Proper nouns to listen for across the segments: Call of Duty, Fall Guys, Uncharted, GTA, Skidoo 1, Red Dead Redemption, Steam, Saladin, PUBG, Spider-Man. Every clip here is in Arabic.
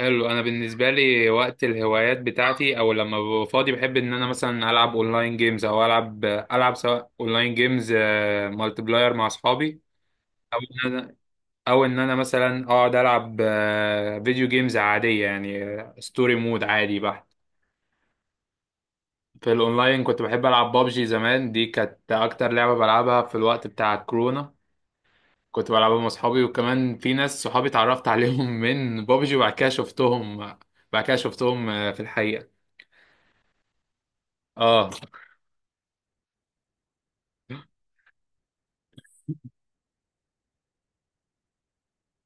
حلو. انا بالنسبه لي وقت الهوايات بتاعتي او لما ببقى فاضي بحب ان انا مثلا العب اونلاين جيمز، او العب سواء اونلاين جيمز مالتي بلاير مع اصحابي. او ان انا او ان انا مثلا اقعد العب فيديو جيمز عاديه، يعني ستوري مود عادي بحت. في الاونلاين كنت بحب العب بابجي زمان، دي كانت اكتر لعبه بلعبها في الوقت بتاع الكورونا. كنت بلعبها مع اصحابي، وكمان في ناس صحابي اتعرفت عليهم من بابجي. وبعد كده شفتهم بعد كده شفتهم في الحقيقه. اه.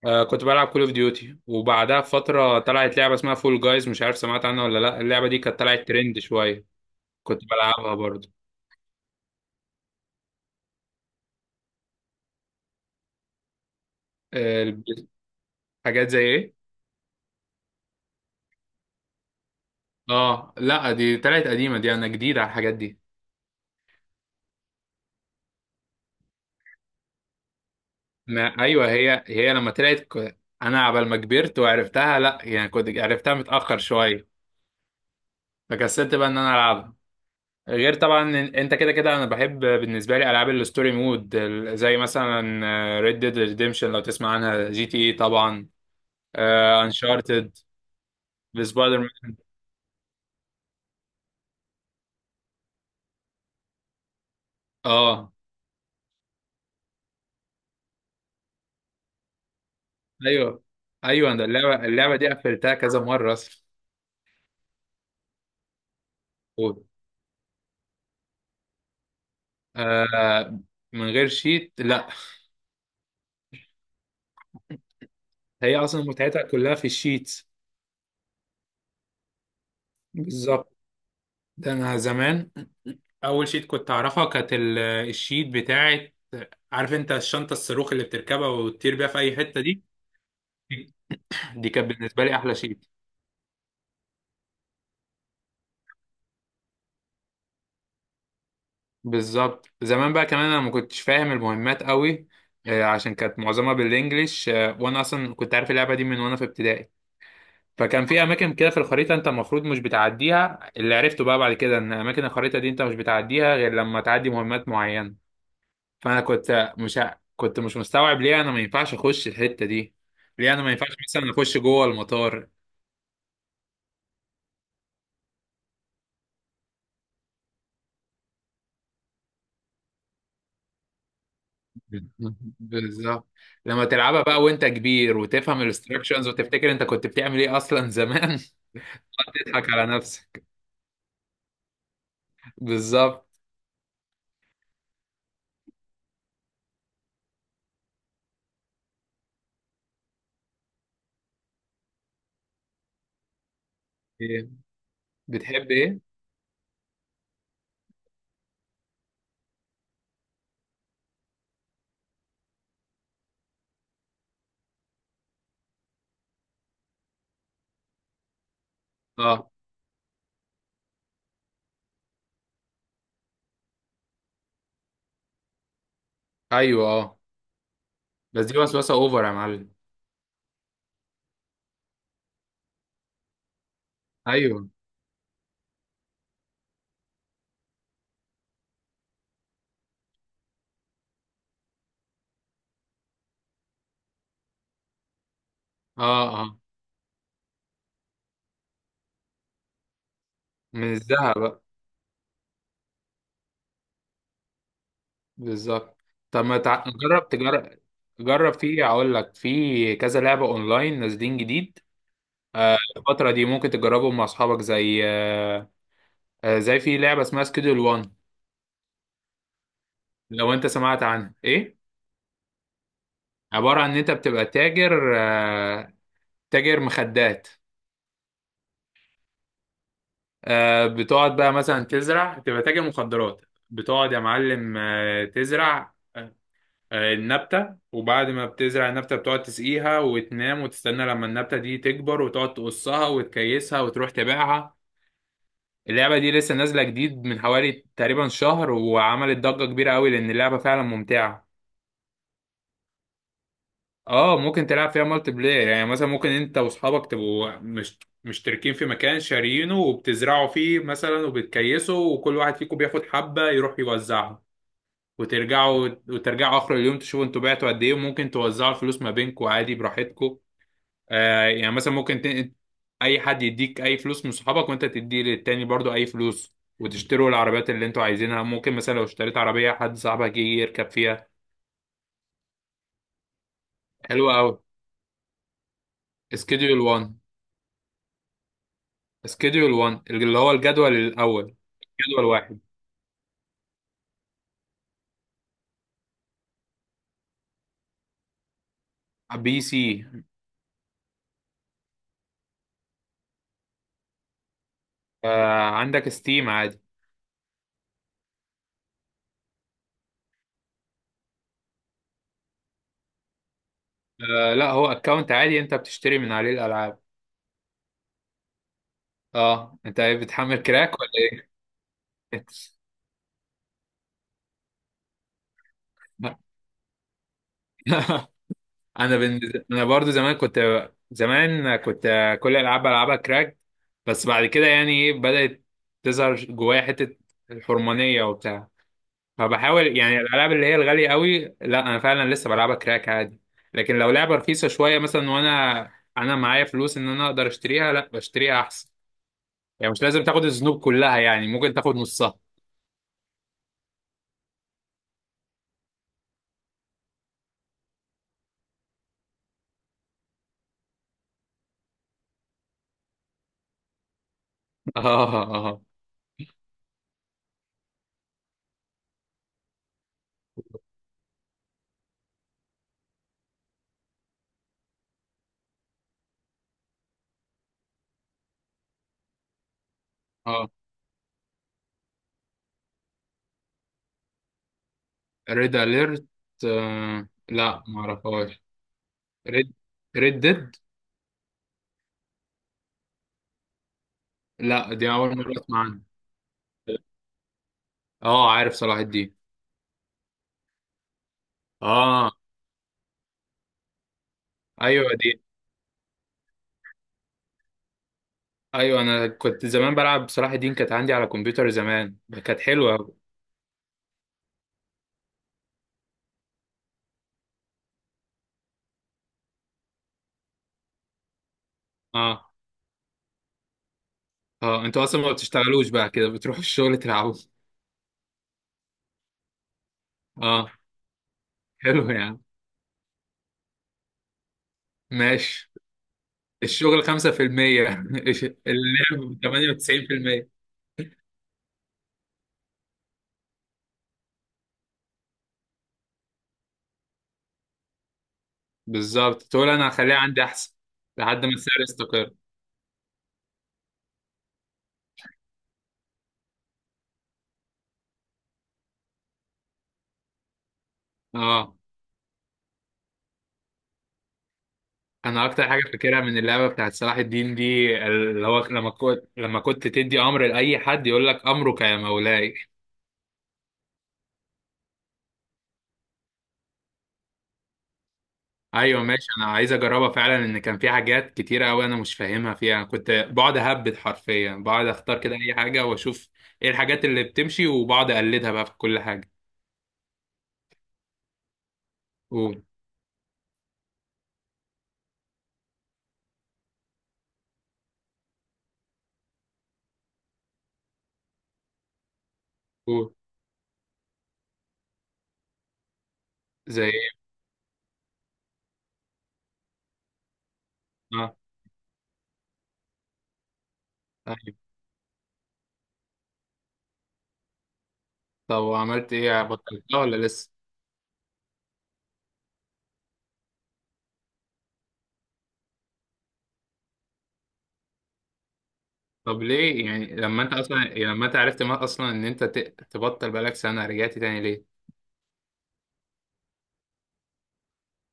كنت بلعب كول اوف ديوتي، وبعدها بفترة طلعت لعبة اسمها فول جايز، مش عارف سمعت عنها ولا لا. اللعبة دي كانت طلعت ترند شوية. كنت بلعبها برضه. آه الب- حاجات زي ايه؟ اه لا، دي طلعت قديمة، دي انا جديد على الحاجات دي. ما ايوه هي لما طلعت انا عبال ما كبرت وعرفتها، لا يعني كنت عرفتها متأخر شوية. فكسلت بقى ان انا العبها. غير طبعا انت كده كده انا بحب بالنسبه لي العاب الستوري مود زي مثلا ريد ديد ريديمشن لو تسمع عنها، جي تي اي طبعا، انشارتد، بسبايدر مان. اه. ايوه، ايوه، انا اللعبه دي قفلتها كذا مره اصلا. و- آه. من غير شيت، لا. هي اصلا متعتها كلها في الشيت. بالظبط. ده انا زمان اول شيت كنت اعرفها كانت الشيت بتاعت، عارف انت الشنطه الصاروخ اللي بتركبها وتطير بيها في اي حته دي. دي كانت بالنسبه لي احلى شيء. بالظبط. زمان بقى كمان انا ما كنتش فاهم المهمات قوي، عشان كانت معظمها بالانجليش، وانا اصلا كنت عارف اللعبه دي من وانا في ابتدائي. فكان في اماكن كده في الخريطه انت المفروض مش بتعديها. اللي عرفته بقى بعد كده ان اماكن الخريطه دي انت مش بتعديها غير لما تعدي مهمات معينه. فانا كنت مش مستوعب ليه انا ما ينفعش اخش الحته دي، ليه انا ما ينفعش مثلا اخش جوه المطار. بالظبط. لما تلعبها بقى وانت كبير وتفهم الاستراكشنز وتفتكر انت كنت بتعمل ايه اصلا زمان. تضحك على نفسك. بالظبط. ايه؟ بتحب ايه؟ اه. ايوه. اه. بس دي وسوسه اوفر يا معلم. ايوه. اه، اه. من الذهب بقى. بالظبط. طب ما تع... جرب. جرب في اقول لك في كذا لعبه اونلاين نازلين جديد. الفتره دي ممكن تجربهم مع اصحابك، زي آه آه، زي في لعبه اسمها سكيدول 1 لو انت سمعت عنها. ايه؟ عباره عن ان انت بتبقى تاجر مخدات. بتقعد بقى مثلا تزرع، تبقى تاجر مخدرات. بتقعد يا معلم، تزرع النبتة، وبعد ما بتزرع النبتة بتقعد تسقيها وتنام وتستنى لما النبتة دي تكبر، وتقعد تقصها وتكيسها وتروح تبيعها. اللعبة دي لسه نازلة جديد من حوالي تقريبا شهر، وعملت ضجة كبيرة قوي لأن اللعبة فعلا ممتعة. اه، ممكن تلعب فيها مالتي بلاير، يعني مثلا ممكن انت واصحابك تبقوا مش مشتركين في مكان شارينه وبتزرعوا فيه مثلا وبتكيسوا، وكل واحد فيكم بياخد حبة يروح يوزعها. وترجعوا اخر اليوم تشوفوا انتوا بعتوا قد ايه، وممكن توزعوا الفلوس ما بينكم عادي براحتكم. يعني مثلا. اي حد يديك اي فلوس من صحابك، وانت تدي للتاني برضو اي فلوس، وتشتروا العربيات اللي انتوا عايزينها. ممكن مثلا لو اشتريت عربية حد صاحبك يجي يركب فيها. حلوة قوي. سكيدول 1. سكيدول 1 اللي هو الجدول الاول. جدول واحد. بي سي. عندك ستيم عادي. لا، هو اكونت عادي، انت بتشتري من عليه الالعاب. اه، انت بتحمل كراك ولا ايه؟ انا بن... انا برضو زمان كنت كل العاب بلعبها كراك. بس بعد كده يعني ايه، بدأت تظهر جوايا حتة الحرمانية وبتاع. فبحاول يعني، الالعاب اللي هي الغاليه قوي لا، انا فعلا لسه بلعبها كراك عادي. لكن لو لعبه رخيصه شويه مثلا، وانا معايا فلوس ان انا اقدر اشتريها، لا بشتريها احسن. يعني مش لازم تاخد الذنوب كلها، يعني ممكن تاخد نصها. اه، اه، اه. ريد اليرت. لا، ما اعرفهاش. ريد ريد ديد. لا، دي اول مره اسمع عنها. اه، عارف صلاح الدين. اه. ايوه دي. ايوه، انا كنت زمان بلعب صلاح الدين، كانت عندي على كمبيوتر زمان. كانت حلوه. اه. اه، انتوا اصلا ما بتشتغلوش بقى كده، بتروحوا الشغل تلعبوا؟ اه. حلو يا عم. ماشي. الشغل 5%. اللعب 98%. بالظبط، تقول انا هخليها عندي احسن لحد ما السعر يستقر. اه. انا اكتر حاجه فاكرها من اللعبه بتاعت صلاح الدين دي اللي هو لما كنت تدي امر لاي حد يقول لك امرك يا مولاي. ايوه ماشي، انا عايز اجربها فعلا. ان كان في حاجات كتيره قوي انا مش فاهمها فيها، أنا كنت بقعد اهبد حرفيا، بقعد اختار كده اي حاجه واشوف ايه الحاجات اللي بتمشي، وبقعد اقلدها بقى في كل حاجه. قول. قول. زي ايه؟ اه. طيب. طب وعملت ايه، بطلتها ولا لسه؟ طب ليه يعني، لما انت اصلا يعني لما انت عرفت ما اصلا ان انت تبطل بقالك سنه رجعت تاني ليه؟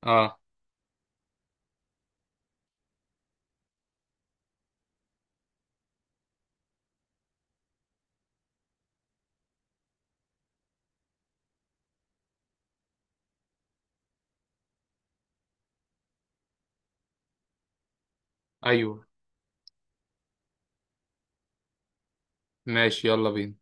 اه، ايوه ماشي يلا بينا.